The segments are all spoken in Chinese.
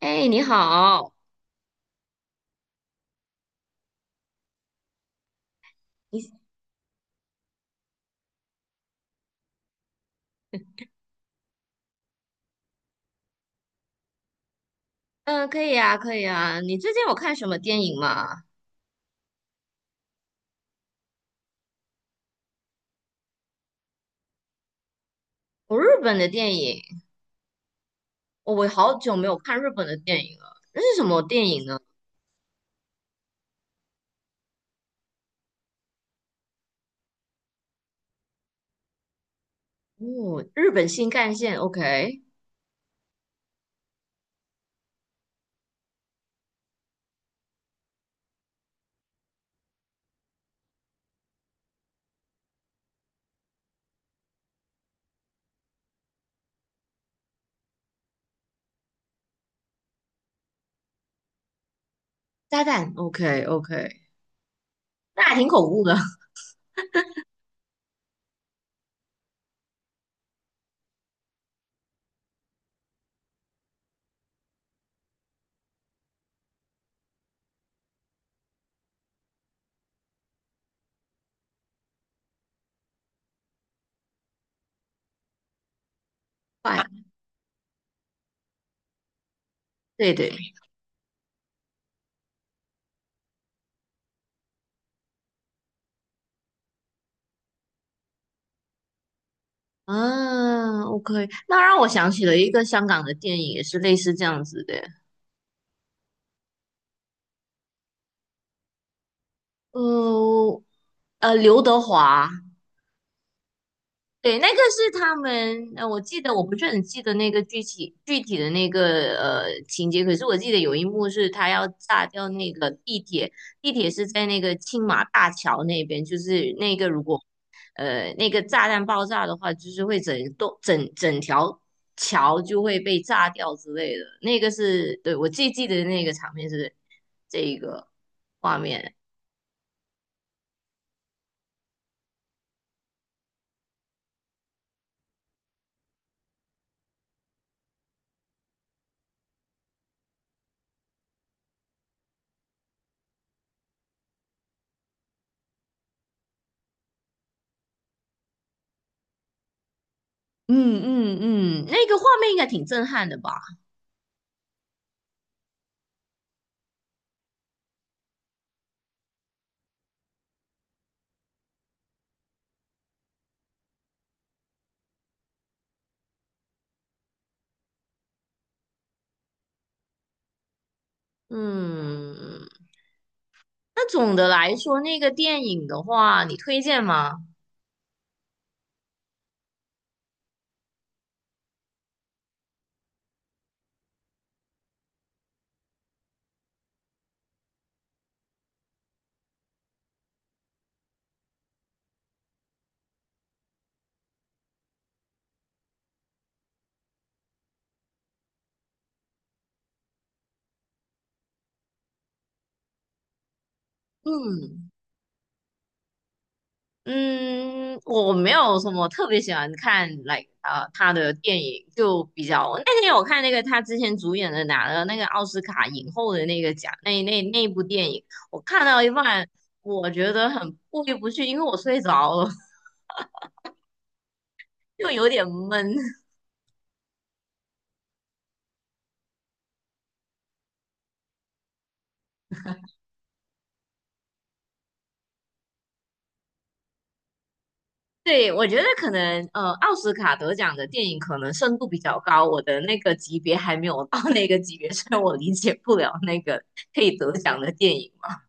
哎，你好。你可以啊，可以啊。你最近有看什么电影吗？我日本的电影。哦，我好久没有看日本的电影了。那是什么电影呢？哦，日本新干线，OK。炸弹，OK，OK。那还挺恐怖的。快。对对。啊，OK，那让我想起了一个香港的电影，也是类似这样子的。呃刘德华。对，那个是他们，我记得我不是很记得那个具体的那个情节，可是我记得有一幕是他要炸掉那个地铁。地铁是在那个青马大桥那边，就是那个如果那个炸弹爆炸的话，就是会整栋整整条桥就会被炸掉之类的。那个是对我最记得那个场面是这一个画面。嗯嗯嗯。那个画面应该挺震撼的吧。嗯，那总的来说，那个电影的话，你推荐吗？嗯嗯，我没有什么特别喜欢看来他的电影，就比较那天我看那个他之前主演的拿了那个奥斯卡影后的那个奖，那部电影，我看到一半，我觉得很过意不去，因为我睡着了。就有点闷。对，我觉得可能奥斯卡得奖的电影可能深度比较高，我的那个级别还没有到那个级别，所以我理解不了那个可以得奖的电影嘛。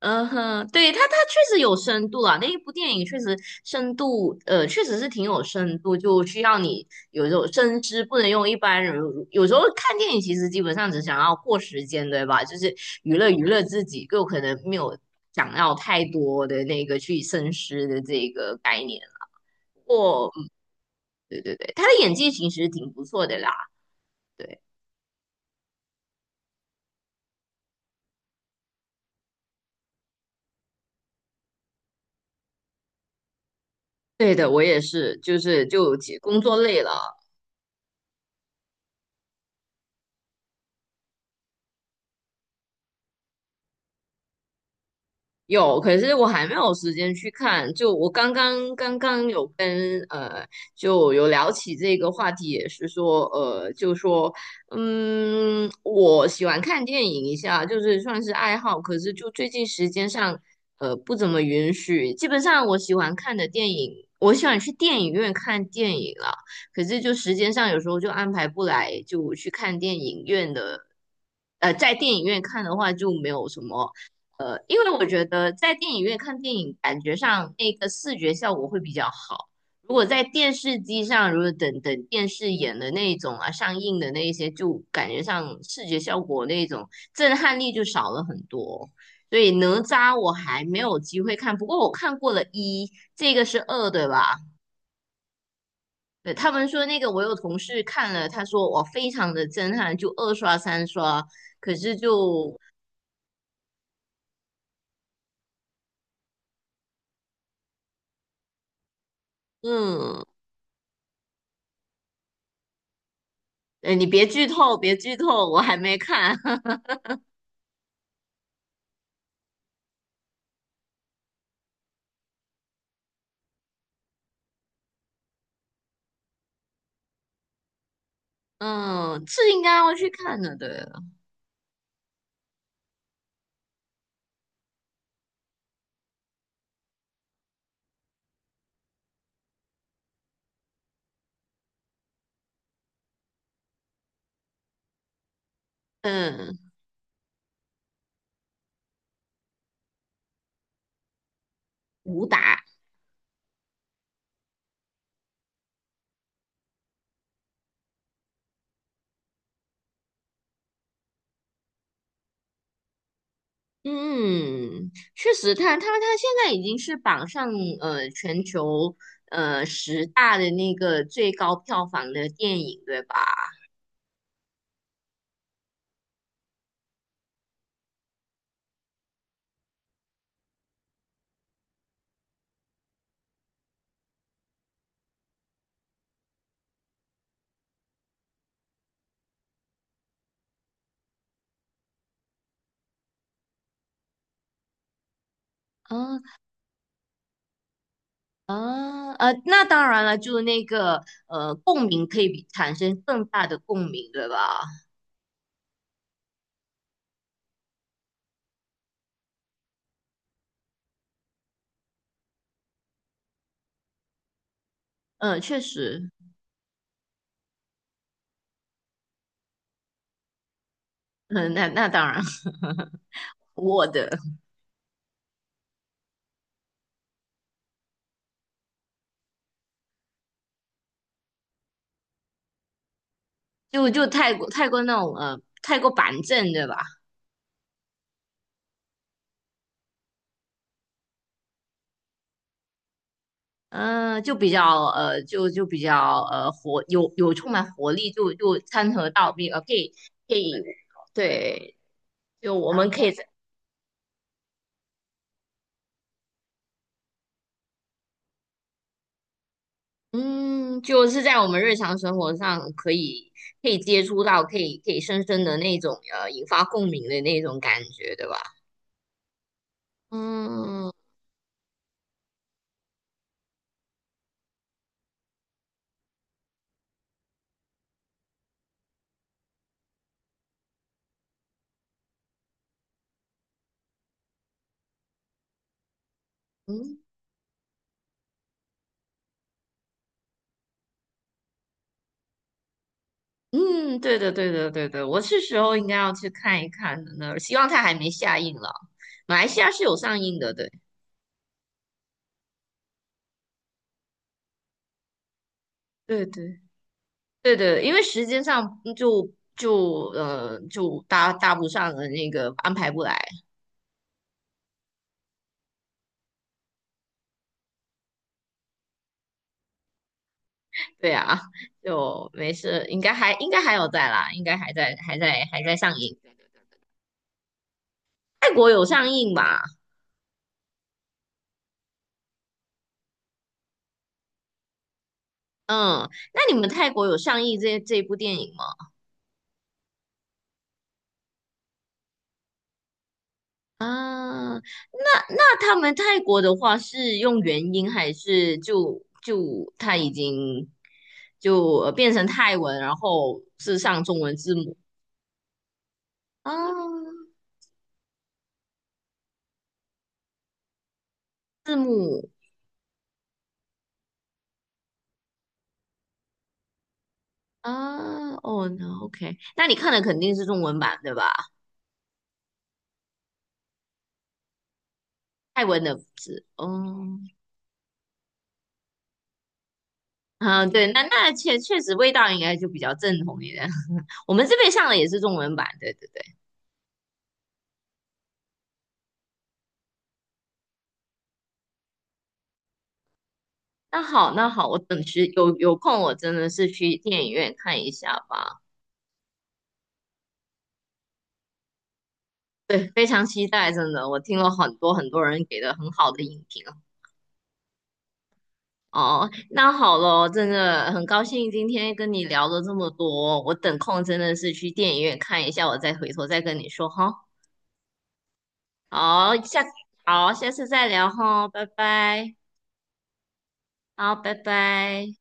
嗯哼，对，它它确实有深度啊，那一部电影确实深度，确实是挺有深度，就需要你有一种深知，不能用一般人。有时候看电影其实基本上只想要过时间，对吧？就是娱乐娱乐自己，就可能没有想要太多的那个去深思的这个概念。过，嗯。对对对，他的演技其实挺不错的啦。对。对的，我也是，就是就工作累了。有，可是我还没有时间去看。就我刚刚有跟就有聊起这个话题，也是说就说嗯，我喜欢看电影一下，就是算是爱好。可是就最近时间上不怎么允许。基本上我喜欢看的电影，我喜欢去电影院看电影了。可是就时间上有时候就安排不来，就去看电影院的。在电影院看的话就没有什么。因为我觉得在电影院看电影，感觉上那个视觉效果会比较好。如果在电视机上，如果等等电视演的那一种啊，上映的那一些，就感觉上视觉效果那一种震撼力就少了很多。所以哪吒我还没有机会看，不过我看过了一，这个是二，对吧？对，他们说那个我有同事看了，他说我非常的震撼，就二刷三刷，可是就嗯。哎，你别剧透，别剧透，我还没看。嗯，是应该要去看的，对。嗯，武打。嗯，确实它，他他他现在已经是榜上全球十大的那个最高票房的电影，对吧？嗯。那当然了，就那个共鸣可以比产生更大的共鸣，对吧？嗯，确实。嗯，那那当然。我的。就就太过太过那种太过板正对吧？嗯、就比较就就比较活有有充满活力，就就掺和到并可以可以对。就我们可以在嗯就是在我们日常生活上可以可以接触到，可以可以深深的那种引发共鸣的那种感觉，对吧？嗯嗯。嗯，对的，对的，对的，我是时候应该要去看一看的呢。希望它还没下映了。马来西亚是有上映的，对。对对对对，因为时间上嗯就就就搭搭不上的那个安排不来。对啊，就没事，应该还应该还有在啦，应该还在还在还在上映。泰国有上映吧？嗯，那你们泰国有上映这这部电影吗？啊，那那他们泰国的话是用元音还是就就他已经就变成泰文，然后是上中文字母。啊，字母。啊，哦，那 OK，那你看的肯定是中文版对吧？泰文的字，哦。啊，对，那那确确实味道应该就比较正统一点。我们这边上的也是中文版，对对对。那好，那好，我等时有有空，我真的是去电影院看一下吧。对，非常期待，真的，我听了很多很多人给的很好的影评哦。那好了，真的很高兴今天跟你聊了这么多，我等空真的是去电影院看一下，我再回头再跟你说哈。好，下。好，下次再聊哈，拜拜。好，拜拜。